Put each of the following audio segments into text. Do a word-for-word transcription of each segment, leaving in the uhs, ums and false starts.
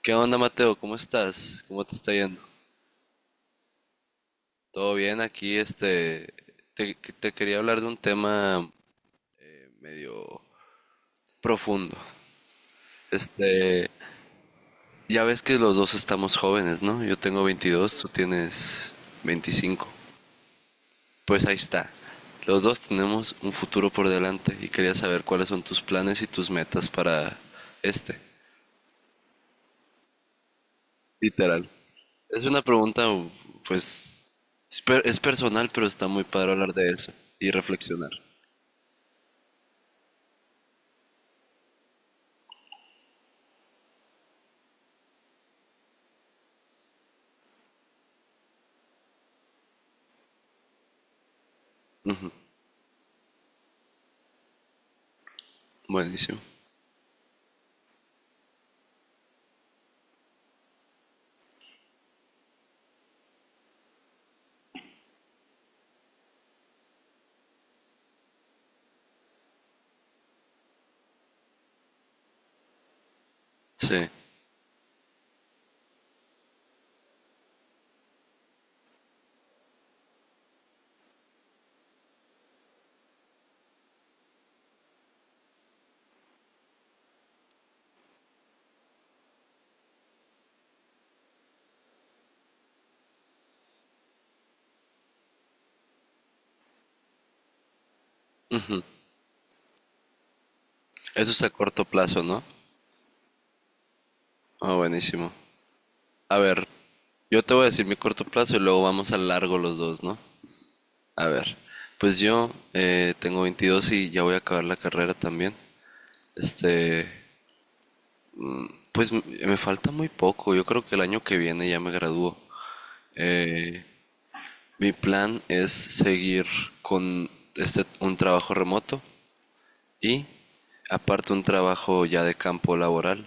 ¿Qué onda, Mateo? ¿Cómo estás? ¿Cómo te está yendo? ¿Todo bien? Aquí, este, te, te quería hablar de un tema eh, medio profundo. Este, ya ves que los dos estamos jóvenes, ¿no? Yo tengo veintidós, tú tienes veinticinco. Pues ahí está. Los dos tenemos un futuro por delante y quería saber cuáles son tus planes y tus metas para este. Literal. Es una pregunta, pues, es per- es personal, pero está muy padre hablar de eso y reflexionar. Buenísimo. Sí. Eso es a corto plazo, ¿no? Ah, buenísimo. A ver, yo te voy a decir mi corto plazo y luego vamos a largo los dos, ¿no? A ver, pues yo eh, tengo veintidós y ya voy a acabar la carrera también. Este, pues m- me falta muy poco. Yo creo que el año que viene ya me gradúo. Eh, Mi plan es seguir con este un trabajo remoto y aparte un trabajo ya de campo laboral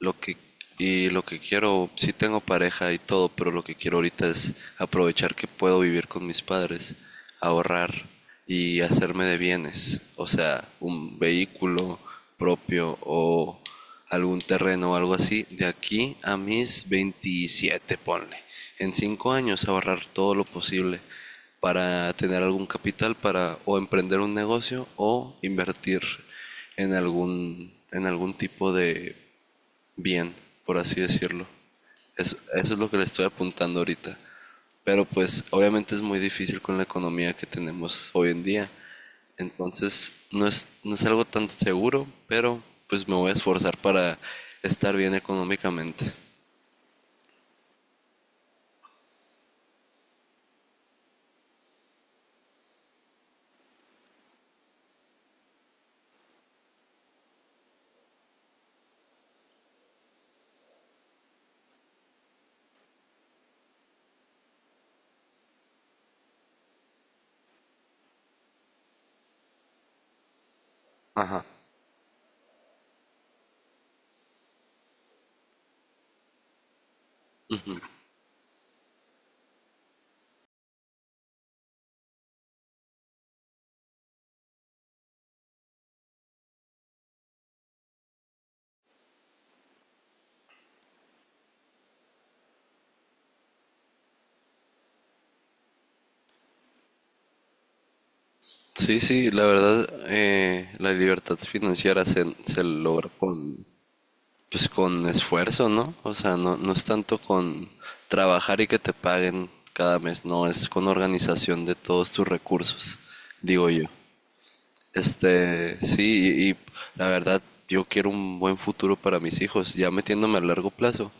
lo que, y lo que quiero, sí tengo pareja y todo, pero lo que quiero ahorita es aprovechar que puedo vivir con mis padres, ahorrar y hacerme de bienes, o sea, un vehículo propio o algún terreno o algo así, de aquí a mis veintisiete ponle. En cinco años ahorrar todo lo posible para tener algún capital para o emprender un negocio o invertir en algún, en algún, tipo de bien, por así decirlo. Es- eso es lo que le estoy apuntando ahorita. Pero pues obviamente es muy difícil con la economía que tenemos hoy en día. Entonces no es, no es, algo tan seguro, pero pues me voy a esforzar para estar bien económicamente. Ajá. Sí, sí, la verdad, eh, la libertad financiera se, se logra con, pues, con esfuerzo, ¿no? O sea, no, no es tanto con trabajar y que te paguen cada mes, no, es con organización de todos tus recursos, digo yo. Este, sí, y, y la verdad, yo quiero un buen futuro para mis hijos, ya metiéndome a largo plazo.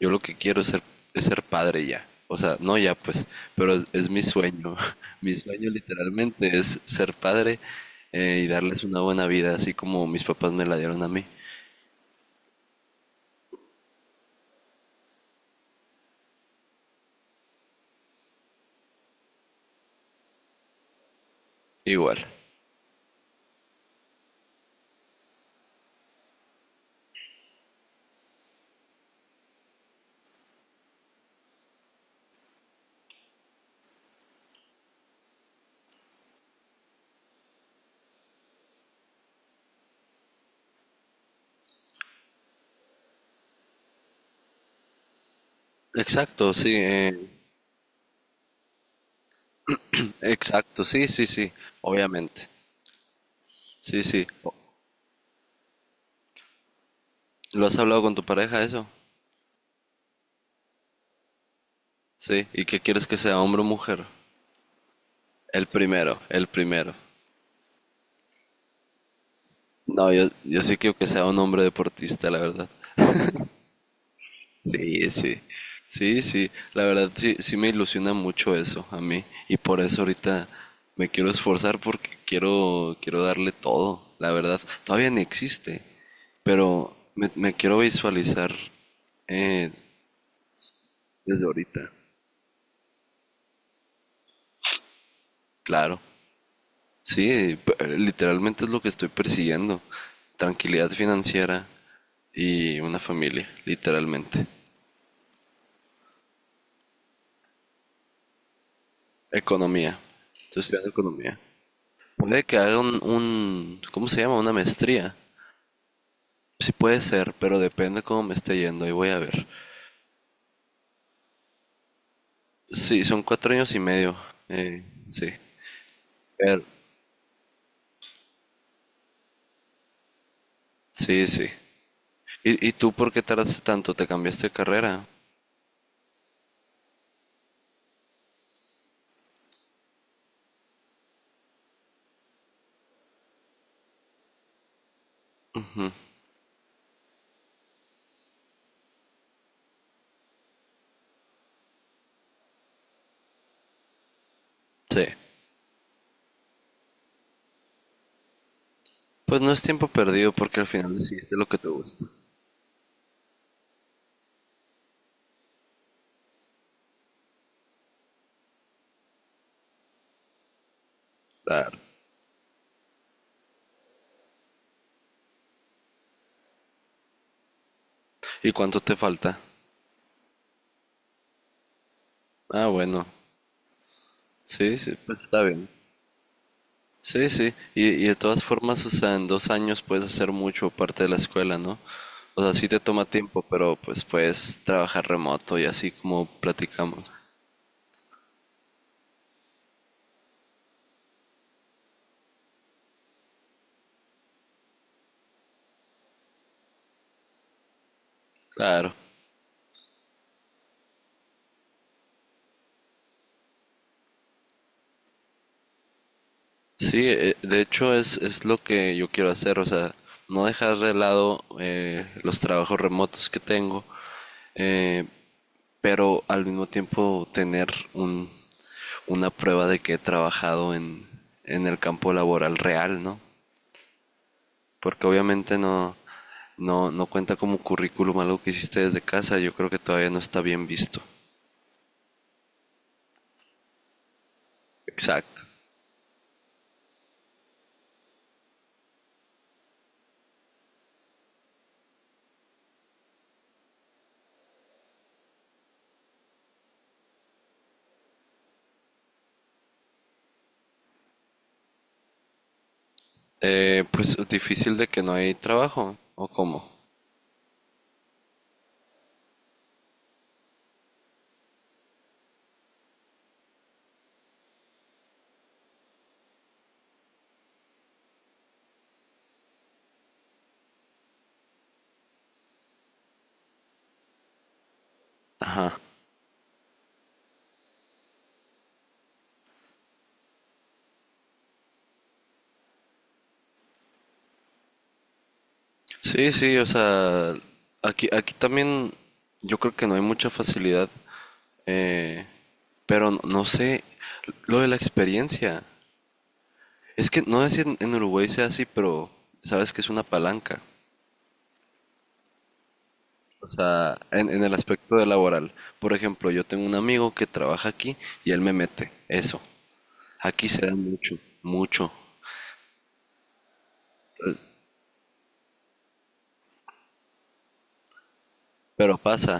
Yo lo que quiero es ser, es ser, padre ya. O sea, no ya pues, pero es, es mi sueño. Mi sueño literalmente es ser padre eh, y darles una buena vida, así como mis papás me la dieron a mí. Igual. Exacto, sí, eh, exacto, sí, sí, sí, obviamente. Sí, sí. O- ¿Lo has hablado con tu pareja eso? Sí. ¿Y qué quieres que sea, hombre o mujer? El primero, el primero. No, yo, yo, sí quiero que sea un hombre deportista, la verdad. Sí, sí. Sí, sí. La verdad, sí, sí me ilusiona mucho eso a mí. Y por eso ahorita me quiero esforzar porque quiero, quiero darle todo, la verdad. Todavía ni existe, pero me, me, quiero visualizar eh, desde ahorita. Claro. Sí, p- literalmente es lo que estoy persiguiendo. Tranquilidad financiera y una familia, literalmente. Economía. Estoy estudiando economía. Puede que haga un, un- ¿cómo se llama? Una maestría. Sí puede ser, pero depende cómo me esté yendo. Y voy a ver. Sí, son cuatro años y medio. Eh, sí. Pero- sí, sí. ¿Y, y tú por qué tardaste tanto? ¿Te cambiaste de carrera? Sí. Pues no es tiempo perdido porque al final decidiste lo que te gusta. Claro. ¿Y cuánto te falta? Ah, bueno. Sí, sí, pues está bien. Sí, sí. Y, y de todas formas, o sea, en dos años puedes hacer mucho parte de la escuela, ¿no? O sea, sí te toma tiempo, pero pues puedes trabajar remoto y así como platicamos. Claro. Sí, eh, de hecho es, es, lo que yo quiero hacer, o sea, no dejar de lado eh, los trabajos remotos que tengo, eh, pero al mismo tiempo tener un, una prueba de que he trabajado en, en el campo laboral real, ¿no? Porque obviamente no, no, no cuenta como currículum algo que hiciste desde casa, yo creo que todavía no está bien visto. Exacto. Eh, pues difícil de que no hay trabajo, ¿o cómo? Ajá. Sí, sí, o sea, aquí, aquí, también yo creo que no hay mucha facilidad, eh, pero no, no sé, lo de la experiencia. Es que no sé si en, en, Uruguay sea así, pero sabes que es una palanca. O sea, en, en el aspecto de laboral. Por ejemplo, yo tengo un amigo que trabaja aquí y él me mete. Eso. Aquí se da mucho, mucho. Entonces, pero pasa.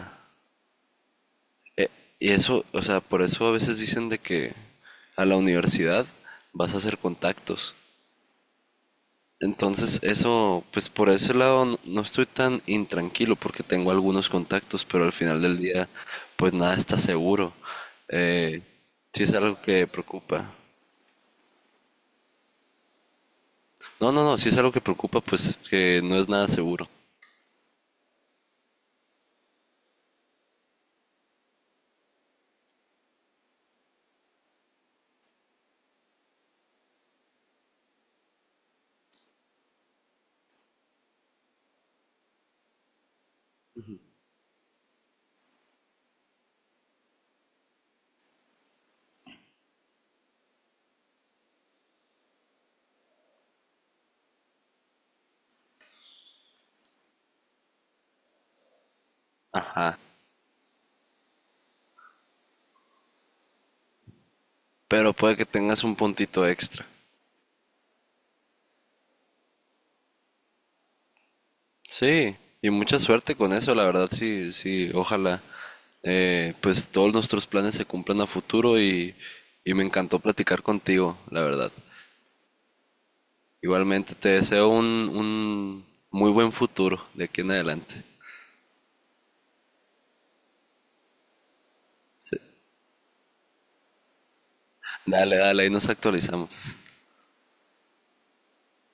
Eh, y eso, o sea, por eso a veces dicen de que a la universidad vas a hacer contactos. Entonces, eso, pues por ese lado no no estoy tan intranquilo porque tengo algunos contactos, pero al final del día, pues nada está seguro. Eh, si es algo que preocupa. No, no, no, si es algo que preocupa, pues que no es nada seguro. Ajá. Pero puede que tengas un puntito extra. Sí, y mucha suerte con eso, la verdad, sí, sí, ojalá. eh, Pues todos nuestros planes se cumplan a futuro y, y me encantó platicar contigo, la verdad. Igualmente, te deseo un, un, muy buen futuro de aquí en adelante. Sí. Dale, dale, ahí nos actualizamos.